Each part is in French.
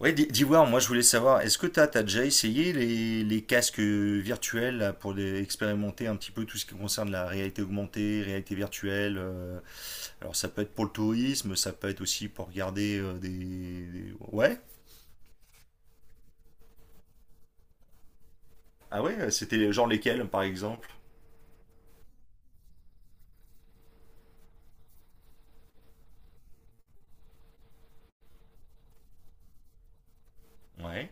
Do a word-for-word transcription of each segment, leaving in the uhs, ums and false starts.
Ouais, D- d'Ivoire, moi je voulais savoir, est-ce que t'as, t'as déjà essayé les, les casques euh, virtuels là, pour les- expérimenter un petit peu tout ce qui concerne la réalité augmentée, réalité virtuelle euh, Alors ça peut être pour le tourisme, ça peut être aussi pour regarder euh, des, des- Ouais? Ah ouais, c'était genre lesquels par exemple? Ouais.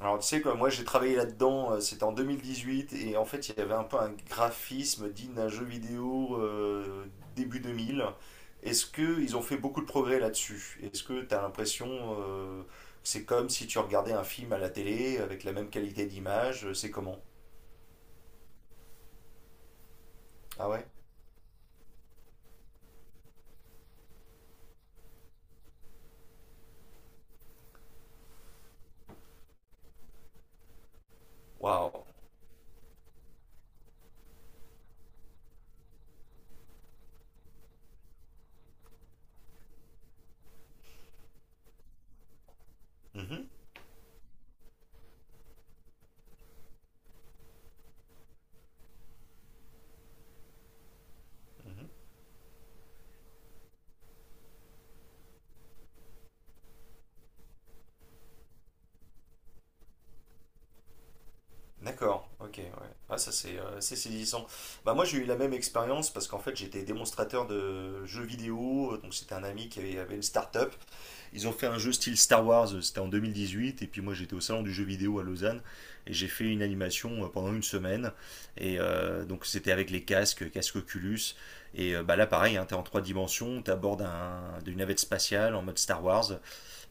Alors tu sais quoi, moi j'ai travaillé là-dedans, euh, c'était en deux mille dix-huit et en fait il y avait un peu un graphisme digne d'un jeu vidéo euh, début deux mille. Est-ce que ils ont fait beaucoup de progrès là-dessus? Est-ce que tu as l'impression euh, que c'est comme si tu regardais un film à la télé avec la même qualité d'image, euh, c'est comment? Ah ouais? Waouh. Mhm, mhm. D'accord, ok, ouais. Ah, ça c'est euh, c'est saisissant. Bah moi j'ai eu la même expérience parce qu'en fait j'étais démonstrateur de jeux vidéo, euh, donc c'était un ami qui avait, avait une start-up. Ils ont fait un jeu style Star Wars, euh, c'était en deux mille dix-huit, et puis moi j'étais au salon du jeu vidéo à Lausanne, et j'ai fait une animation euh, pendant une semaine, et euh, donc c'était avec les casques, euh, casque Oculus, et euh, bah là pareil, hein, tu es en trois dimensions, tu abordes un, une navette spatiale en mode Star Wars,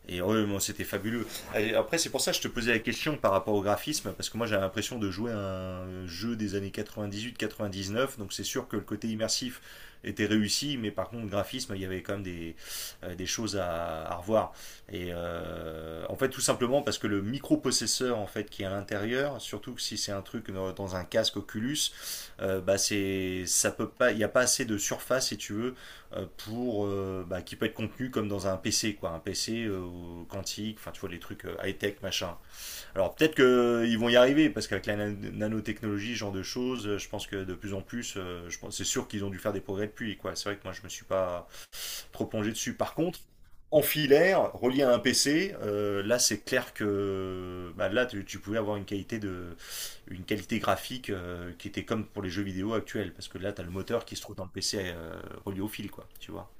et ouais, bon, c'était fabuleux. Et après, c'est pour ça que je te posais la question par rapport au graphisme, parce que moi j'avais l'impression de jouer à un jeu des années quatre-vingt-dix-huit, quatre-vingt-dix-neuf. Donc c'est sûr que le côté immersif était réussi, mais par contre, le graphisme, il y avait quand même des, euh, des choses à, à revoir. Et euh, en fait, tout simplement parce que le microprocesseur en fait, qui est à l'intérieur, surtout que si c'est un truc dans, dans un casque Oculus, euh, bah c'est, ça peut pas, il n'y a pas assez de surface, si tu veux, euh, pour euh, bah, qui peut être contenu comme dans un P C quoi, un P C euh, quantique, enfin tu vois les trucs euh, high tech machin. Alors peut-être qu'ils vont y arriver parce qu'avec la nan- nanotechnologie, ce genre de choses, euh, je pense que de plus en plus, euh, je pense c'est sûr qu'ils ont dû faire des progrès depuis quoi. C'est vrai que moi je me suis pas trop plongé dessus. Par contre, en filaire, relié à un P C, euh, là c'est clair que bah, là tu, tu pouvais avoir une qualité de une qualité graphique euh, qui était comme pour les jeux vidéo actuels parce que là tu as le moteur qui se trouve dans le P C euh, relié au fil quoi, tu vois.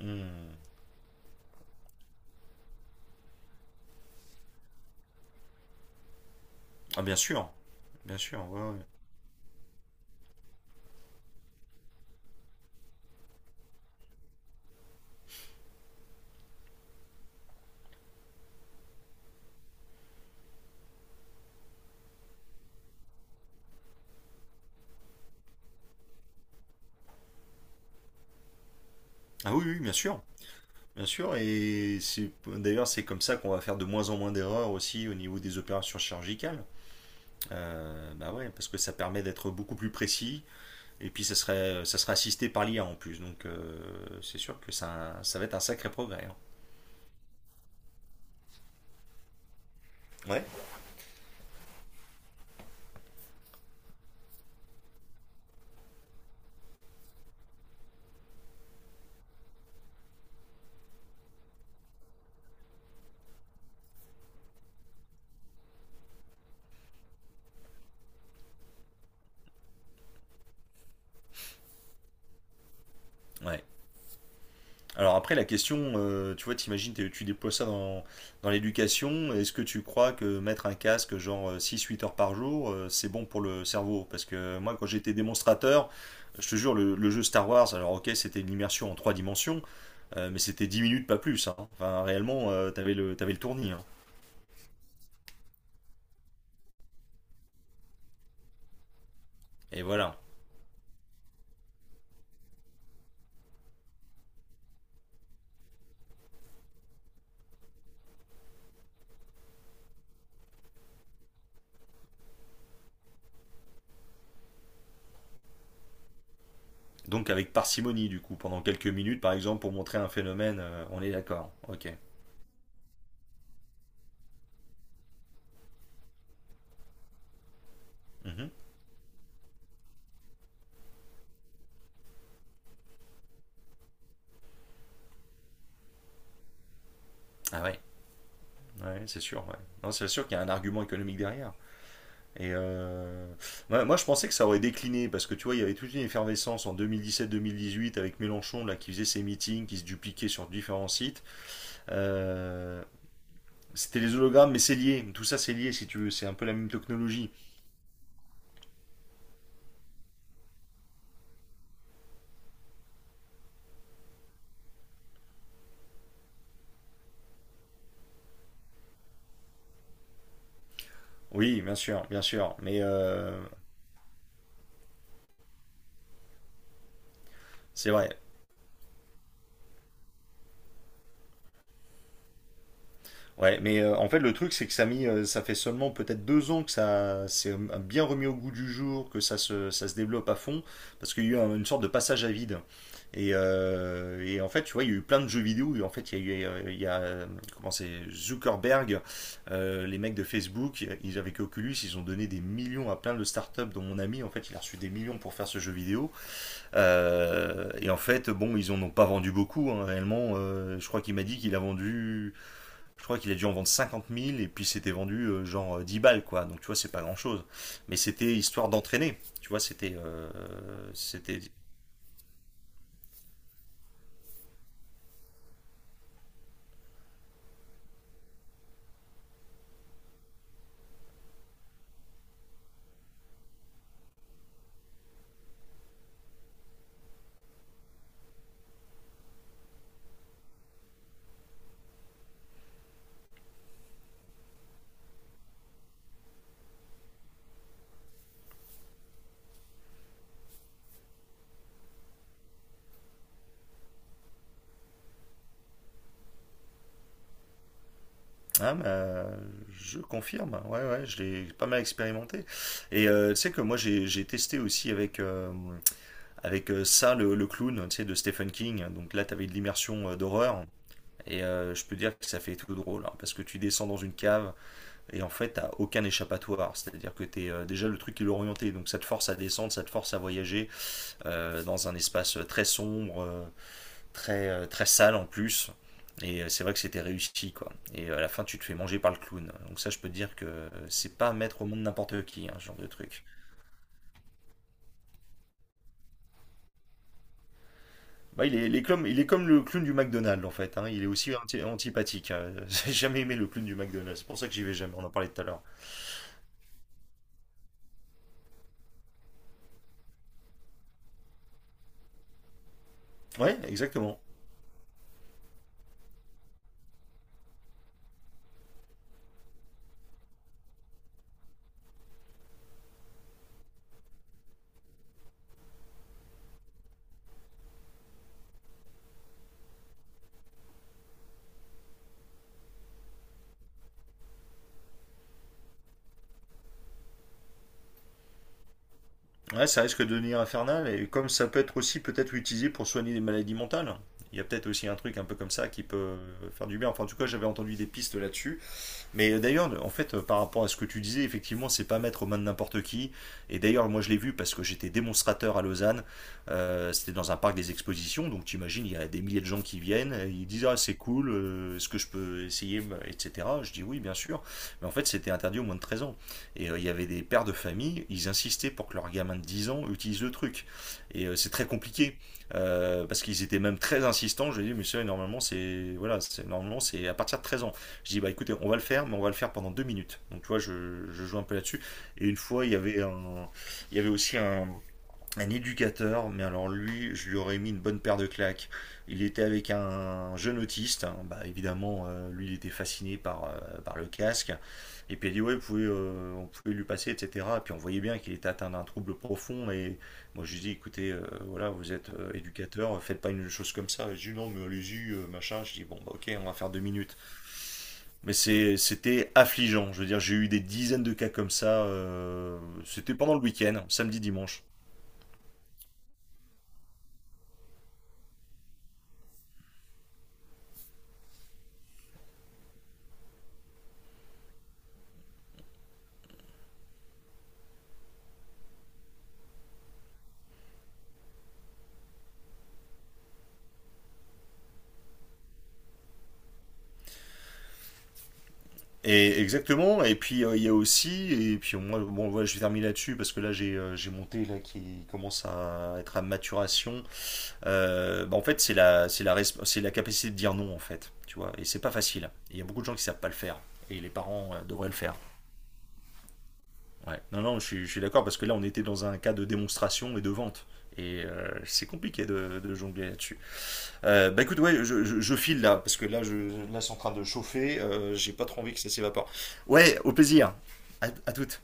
Hmm. Ah, bien sûr, bien sûr, ouais, ouais. Ah oui, oui, bien sûr, bien sûr. Et c'est d'ailleurs c'est comme ça qu'on va faire de moins en moins d'erreurs aussi au niveau des opérations chirurgicales. Euh, bah ouais, parce que ça permet d'être beaucoup plus précis. Et puis ça serait, ça serait assisté par l'I A en plus. Donc euh, c'est sûr que ça, ça va être un sacré progrès, hein. Ouais. Ouais. Alors après, la question, euh, tu vois, t'imagines, t'es- tu déploies ça dans, dans l'éducation, est-ce que tu crois que mettre un casque genre euh, six huit heures par jour, euh, c'est bon pour le cerveau? Parce que moi, quand j'étais démonstrateur, je te jure, le, le jeu Star Wars, alors ok, c'était une immersion en trois dimensions, euh, mais c'était dix minutes, pas plus, hein. Enfin, réellement, euh, t'avais le, t'avais le tournis, hein. Et voilà. Donc avec parcimonie, du coup, pendant quelques minutes, par exemple, pour montrer un phénomène, euh, on est d'accord, ok. Mhm. Ah ouais, ouais, c'est sûr, ouais. Non, c'est sûr qu'il y a un argument économique derrière. Et euh, moi, moi, je pensais que ça aurait décliné parce que tu vois, il y avait toute une effervescence en deux deux mille mille dix-sept, deux mille dix-huit avec Mélenchon là, qui faisait ses meetings, qui se dupliquait sur différents sites. Euh, c'était les hologrammes, mais c'est lié. Tout ça, c'est lié si tu veux. C'est un peu la même technologie. Oui, bien sûr, bien sûr. Mais euh, c'est vrai. Ouais, mais euh, en fait, le truc, c'est que ça, a mis, euh, ça fait seulement peut-être deux ans que ça s'est euh, bien remis au goût du jour, que ça se, ça se développe à fond, parce qu'il y a eu un- une sorte de passage à vide. Et, euh, et en fait, tu vois, il y a eu plein de jeux vidéo. Et en fait, il y a eu, euh, il y a, euh, comment c'est, Zuckerberg, euh, les mecs de Facebook, ils, avec Oculus, ils ont donné des millions à plein de startups, dont mon ami, en fait, il a reçu des millions pour faire ce jeu vidéo. Euh, et en fait, bon, ils en ont pas vendu beaucoup, hein, réellement. Euh, je crois qu'il m'a dit qu'il a vendu je crois qu'il a dû en vendre cinquante mille et puis c'était vendu euh, genre euh, dix balles quoi. Donc tu vois, c'est pas grand chose. Mais c'était histoire d'entraîner. Tu vois, c'était. Euh, c'était. Ah, bah, je confirme. Ouais, ouais, je l'ai pas mal expérimenté. Et euh, tu sais que moi, j'ai j'ai testé aussi avec, euh, avec euh, ça, le, le clown, tu sais, de Stephen King. Donc là, t'avais de l'immersion euh, d'horreur. Et euh, je peux dire que ça fait tout drôle, hein, parce que tu descends dans une cave, et en fait, t'as aucun échappatoire. C'est-à-dire que t'es euh, déjà le truc qui est orienté. Donc ça te force à descendre, ça te force à voyager euh, dans un espace très sombre, euh, très, euh, très sale en plus. Et euh, c'est vrai que c'était réussi, quoi. Et euh, à la fin, tu te fais manger par le clown. Donc ça, je peux te dire que euh, c'est pas à mettre au monde n'importe qui, hein, ce genre de truc. Bah, il est, il est comme, il est comme le clown du McDonald's, en fait, hein. Il est aussi anti- antipathique, hein. J'ai jamais aimé le clown du McDonald's. C'est pour ça que j'y vais jamais. On en parlait tout à l'heure. Ouais, exactement. Ouais, ça risque de devenir infernal, et comme ça peut être aussi peut-être utilisé pour soigner des maladies mentales, il y a peut-être aussi un truc un peu comme ça qui peut faire du bien. Enfin, en tout cas, j'avais entendu des pistes là-dessus. Mais d'ailleurs, en fait, euh, par rapport à ce que tu disais, effectivement, c'est pas mettre aux mains de n'importe qui. Et d'ailleurs, moi, je l'ai vu parce que j'étais démonstrateur à Lausanne. Euh, c'était dans un parc des expositions, donc t'imagines, il y a des milliers de gens qui viennent, et ils disent ah c'est cool, euh, est-ce que je peux essayer, et cetera. Je dis oui, bien sûr. Mais en fait, c'était interdit au moins de treize ans. Et euh, il y avait des pères de famille, ils insistaient pour que leur gamin de dix ans utilise le truc. Et euh, c'est très compliqué, euh, parce qu'ils étaient même très insistants, je lui ai dit, mais ça, normalement, c'est voilà, normalement, c'est à partir de treize ans. Je dis, bah écoutez, on va le faire, mais on va le faire pendant deux minutes. Donc tu vois, je, je joue un peu là-dessus. Et une fois, il y avait, un, il y avait aussi un, un éducateur, mais alors lui, je lui aurais mis une bonne paire de claques. Il était avec un jeune autiste, hein, bah, évidemment, euh, lui, il était fasciné par, euh, par le casque. Et puis il a dit, ouais, vous pouvez, euh, on pouvait lui passer, et cetera. Et puis on voyait bien qu'il était atteint d'un trouble profond. Et moi, je lui dis, écoutez, euh, voilà, vous êtes euh, éducateur, faites pas une chose comme ça. Je dis, non, mais allez-y, euh, machin. Je dis, bon, bah, ok, on va faire deux minutes. Mais c'était affligeant. Je veux dire, j'ai eu des dizaines de cas comme ça, euh, c'était pendant le week-end, samedi, dimanche. Et exactement. Et puis euh, il y a aussi, et puis moi, bon, voilà, je vais terminer là-dessus parce que là j'ai euh, j'ai mon thé là qui commence à être à maturation. Euh, bah, en fait, c'est la c'est la resp- c'est la capacité de dire non en fait, tu vois. Et c'est pas facile. Il y a beaucoup de gens qui savent pas le faire. Et les parents euh, devraient le faire. Ouais. Non, non, je suis, je suis d'accord parce que là on était dans un cas de démonstration et de vente. Et euh, c'est compliqué de de jongler là-dessus. Euh, bah écoute, ouais, je, je- je file là, parce que là, je, là, c'est en train de chauffer, euh, j'ai pas trop envie que ça s'évapore. Ouais, au plaisir. À, à toutes.